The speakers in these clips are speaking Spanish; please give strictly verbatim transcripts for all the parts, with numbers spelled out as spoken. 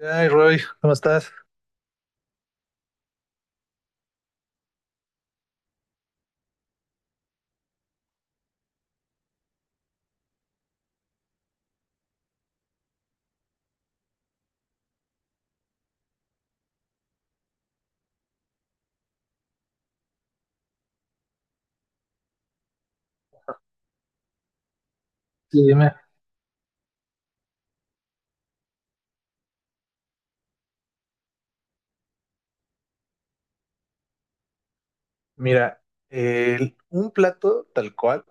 Ay, Roy, ¿cómo estás? Sí, dime. Mira, el- un plato tal cual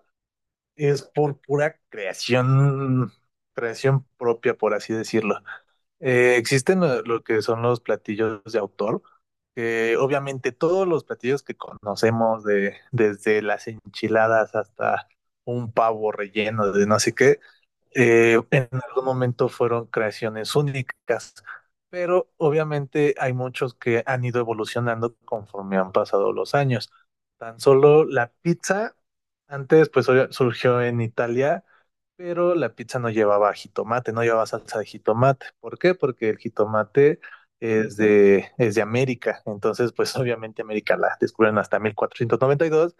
es por pura creación, creación propia, por así decirlo. Eh, existen lo, lo que son los platillos de autor, que obviamente todos los platillos que conocemos, de, desde las enchiladas hasta un pavo relleno de no sé qué, eh, en algún momento fueron creaciones únicas, pero obviamente hay muchos que han ido evolucionando conforme han pasado los años. Tan solo la pizza, antes pues obvia- surgió en Italia, pero la pizza no llevaba jitomate, no llevaba salsa de jitomate. ¿Por qué? Porque el jitomate es de, es de América, entonces pues obviamente América la descubren hasta mil cuatrocientos noventa y dos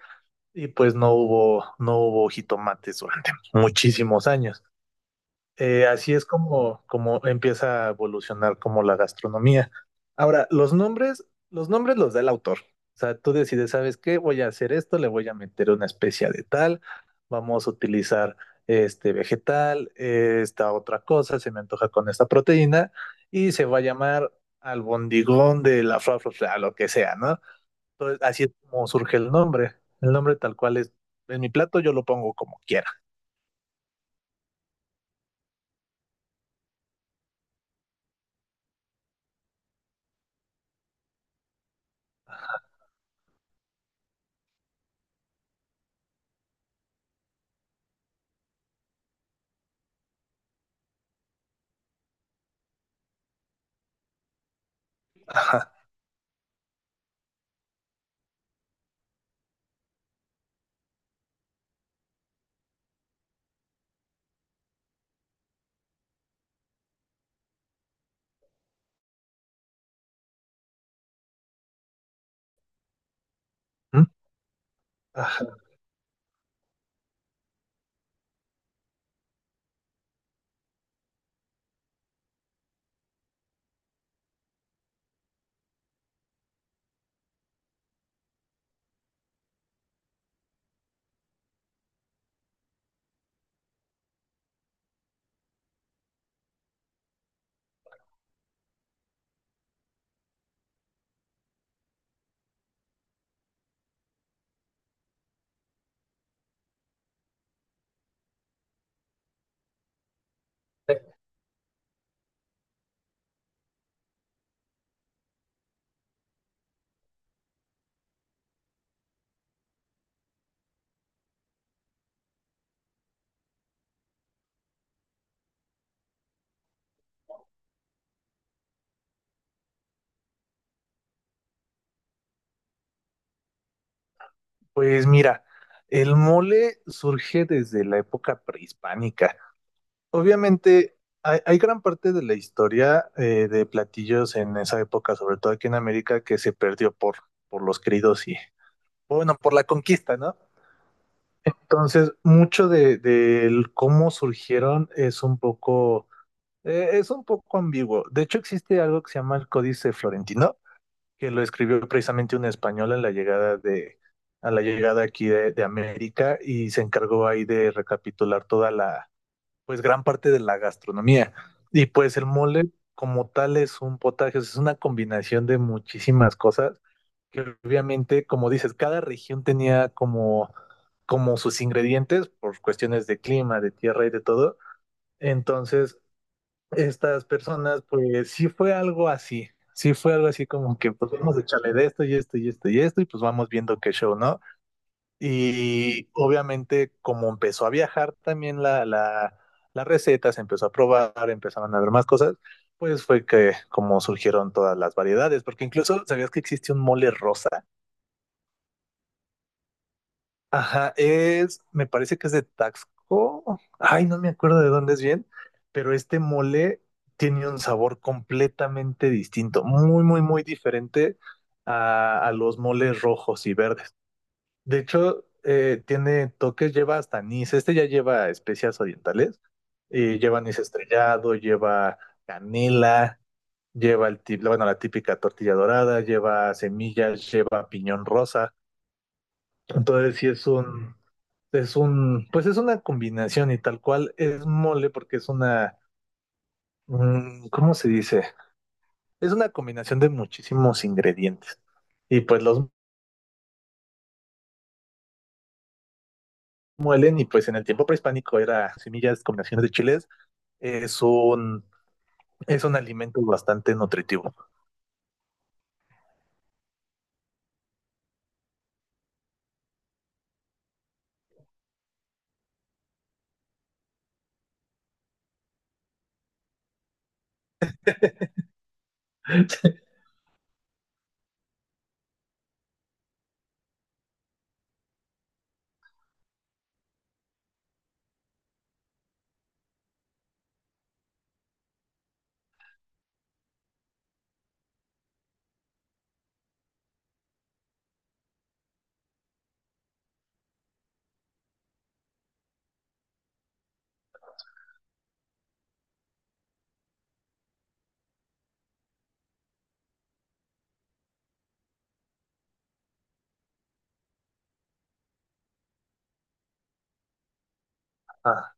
y pues no hubo, no hubo jitomates durante muchísimos años. Eh, así es como, como empieza a evolucionar como la gastronomía. Ahora, los nombres, los nombres los da el autor. O sea, tú decides, ¿sabes qué? Voy a hacer esto, le voy a meter una especia de tal, vamos a utilizar este vegetal, eh, esta otra cosa, se me antoja con esta proteína, y se va a llamar albondigón de la fra, fra, fra, lo que sea, ¿no? Entonces, así es como surge el nombre. El nombre tal cual es, en mi plato yo lo pongo como quiera. Ajá. ¿Mm? Ajá. Pues mira, el mole surge desde la época prehispánica. Obviamente, hay, hay gran parte de la historia eh, de platillos en esa época, sobre todo aquí en América, que se perdió por, por los cridos y, bueno, por la conquista, ¿no? Entonces, mucho de, del cómo surgieron es un poco, eh, es un poco ambiguo. De hecho, existe algo que se llama el Códice Florentino que lo escribió precisamente un español en la llegada de, a la llegada aquí de, de América y se encargó ahí de recapitular toda la, pues gran parte de la gastronomía. Y pues el mole como tal es un potaje, es una combinación de muchísimas cosas que obviamente, como dices, cada región tenía como, como sus ingredientes por cuestiones de clima, de tierra y de todo. Entonces, estas personas, pues sí fue algo así, sí fue algo así como que pues vamos a echarle de esto y esto y esto y esto y pues vamos viendo qué show, ¿no? Y obviamente como empezó a viajar también la, la, la receta, se empezó a probar, empezaron a ver más cosas, pues fue que como surgieron todas las variedades, porque incluso sabías que existe un mole rosa. Ajá, es, me parece que es de Taxco. Ay, no me acuerdo de dónde es bien, pero este mole tiene un sabor completamente distinto, muy, muy, muy diferente a, a los moles rojos y verdes. De hecho, eh, tiene toques, lleva hasta anís. Este ya lleva especias orientales, y lleva anís estrellado, lleva canela, lleva el, ti- bueno, la típica tortilla dorada, lleva semillas, lleva piñón rosa. Entonces, sí es un, es un, pues es una combinación y tal cual es mole porque es una, mm, ¿cómo se dice? Es una combinación de muchísimos ingredientes. Y pues los muelen y pues en el tiempo prehispánico era semillas, combinaciones de chiles. Es un, es un alimento bastante nutritivo. Ah,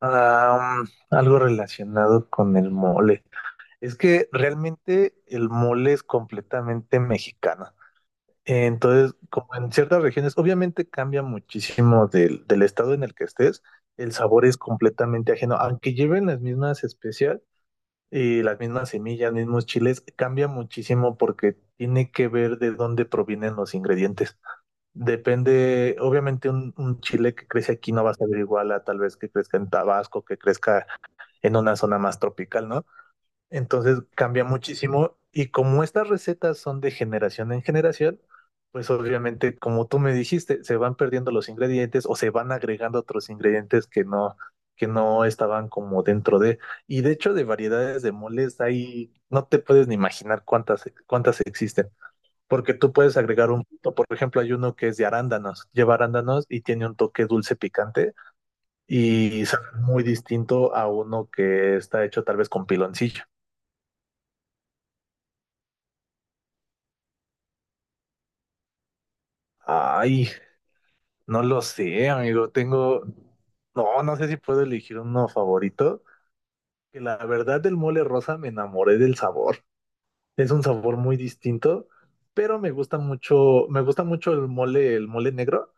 ah, mm, algo relacionado con el mole. Es que realmente el mole es completamente mexicano. Entonces, como en ciertas regiones, obviamente cambia muchísimo del, del estado en el que estés, el sabor es completamente ajeno, aunque lleven las mismas especias y las mismas semillas, mismos chiles, cambia muchísimo porque tiene que ver de dónde provienen los ingredientes. Depende, obviamente un, un chile que crece aquí no va a saber igual a tal vez que crezca en Tabasco, que crezca en una zona más tropical, ¿no? Entonces cambia muchísimo y como estas recetas son de generación en generación, pues obviamente, como tú me dijiste, se van perdiendo los ingredientes o se van agregando otros ingredientes que no, que no estaban como dentro de. Y de hecho, de variedades de moles hay, no te puedes ni imaginar cuántas, cuántas existen, porque tú puedes agregar un, o por ejemplo, hay uno que es de arándanos, lleva arándanos y tiene un toque dulce picante y sabe muy distinto a uno que está hecho tal vez con piloncillo. Ay, no lo sé, amigo. Tengo, no, no sé si puedo elegir uno favorito. Que la verdad del mole rosa me enamoré del sabor. Es un sabor muy distinto, pero me gusta mucho, me gusta mucho el mole, el mole negro.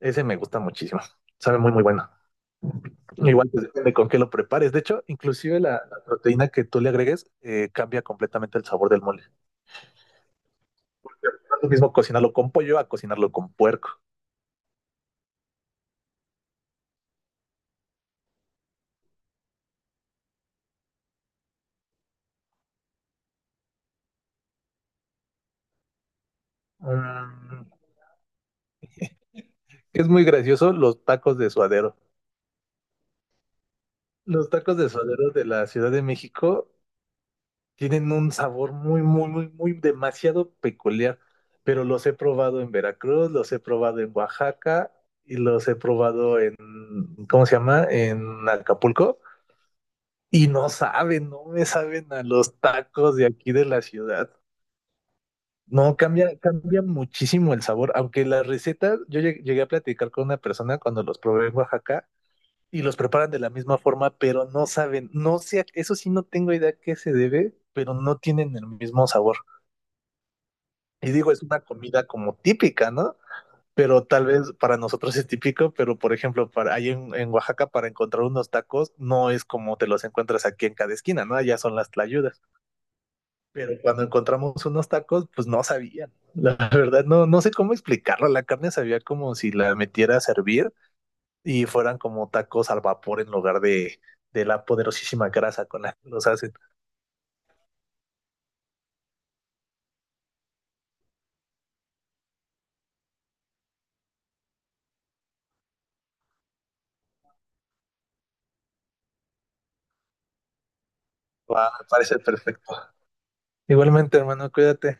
Ese me gusta muchísimo. Sabe muy, muy bueno. Igual pues, depende con qué lo prepares. De hecho, inclusive la, la proteína que tú le agregues eh, cambia completamente el sabor del mole. No es lo mismo cocinarlo con pollo a cocinarlo con puerco. Mm, Es muy gracioso los tacos de suadero. Los tacos de suadero de la Ciudad de México tienen un sabor muy, muy, muy, muy demasiado peculiar, pero los he probado en Veracruz, los he probado en Oaxaca y los he probado en, ¿cómo se llama? En Acapulco y no saben, no me saben a los tacos de aquí de la ciudad. No, cambia, cambia muchísimo el sabor, aunque las recetas, yo lleg- llegué a platicar con una persona cuando los probé en Oaxaca y los preparan de la misma forma, pero no saben, no sé, eso sí no tengo idea a qué se debe, pero no tienen el mismo sabor. Y digo, es una comida como típica, ¿no? Pero tal vez para nosotros es típico, pero por ejemplo, para, ahí en, en Oaxaca para encontrar unos tacos no es como te los encuentras aquí en cada esquina, ¿no? Allá son las tlayudas. Pero cuando encontramos unos tacos, pues no sabían. La verdad, no, no sé cómo explicarlo. La carne sabía como si la metiera a servir y fueran como tacos al vapor en lugar de, de la poderosísima grasa con la que los hacen. Va, me parece perfecto. Igualmente, hermano, cuídate.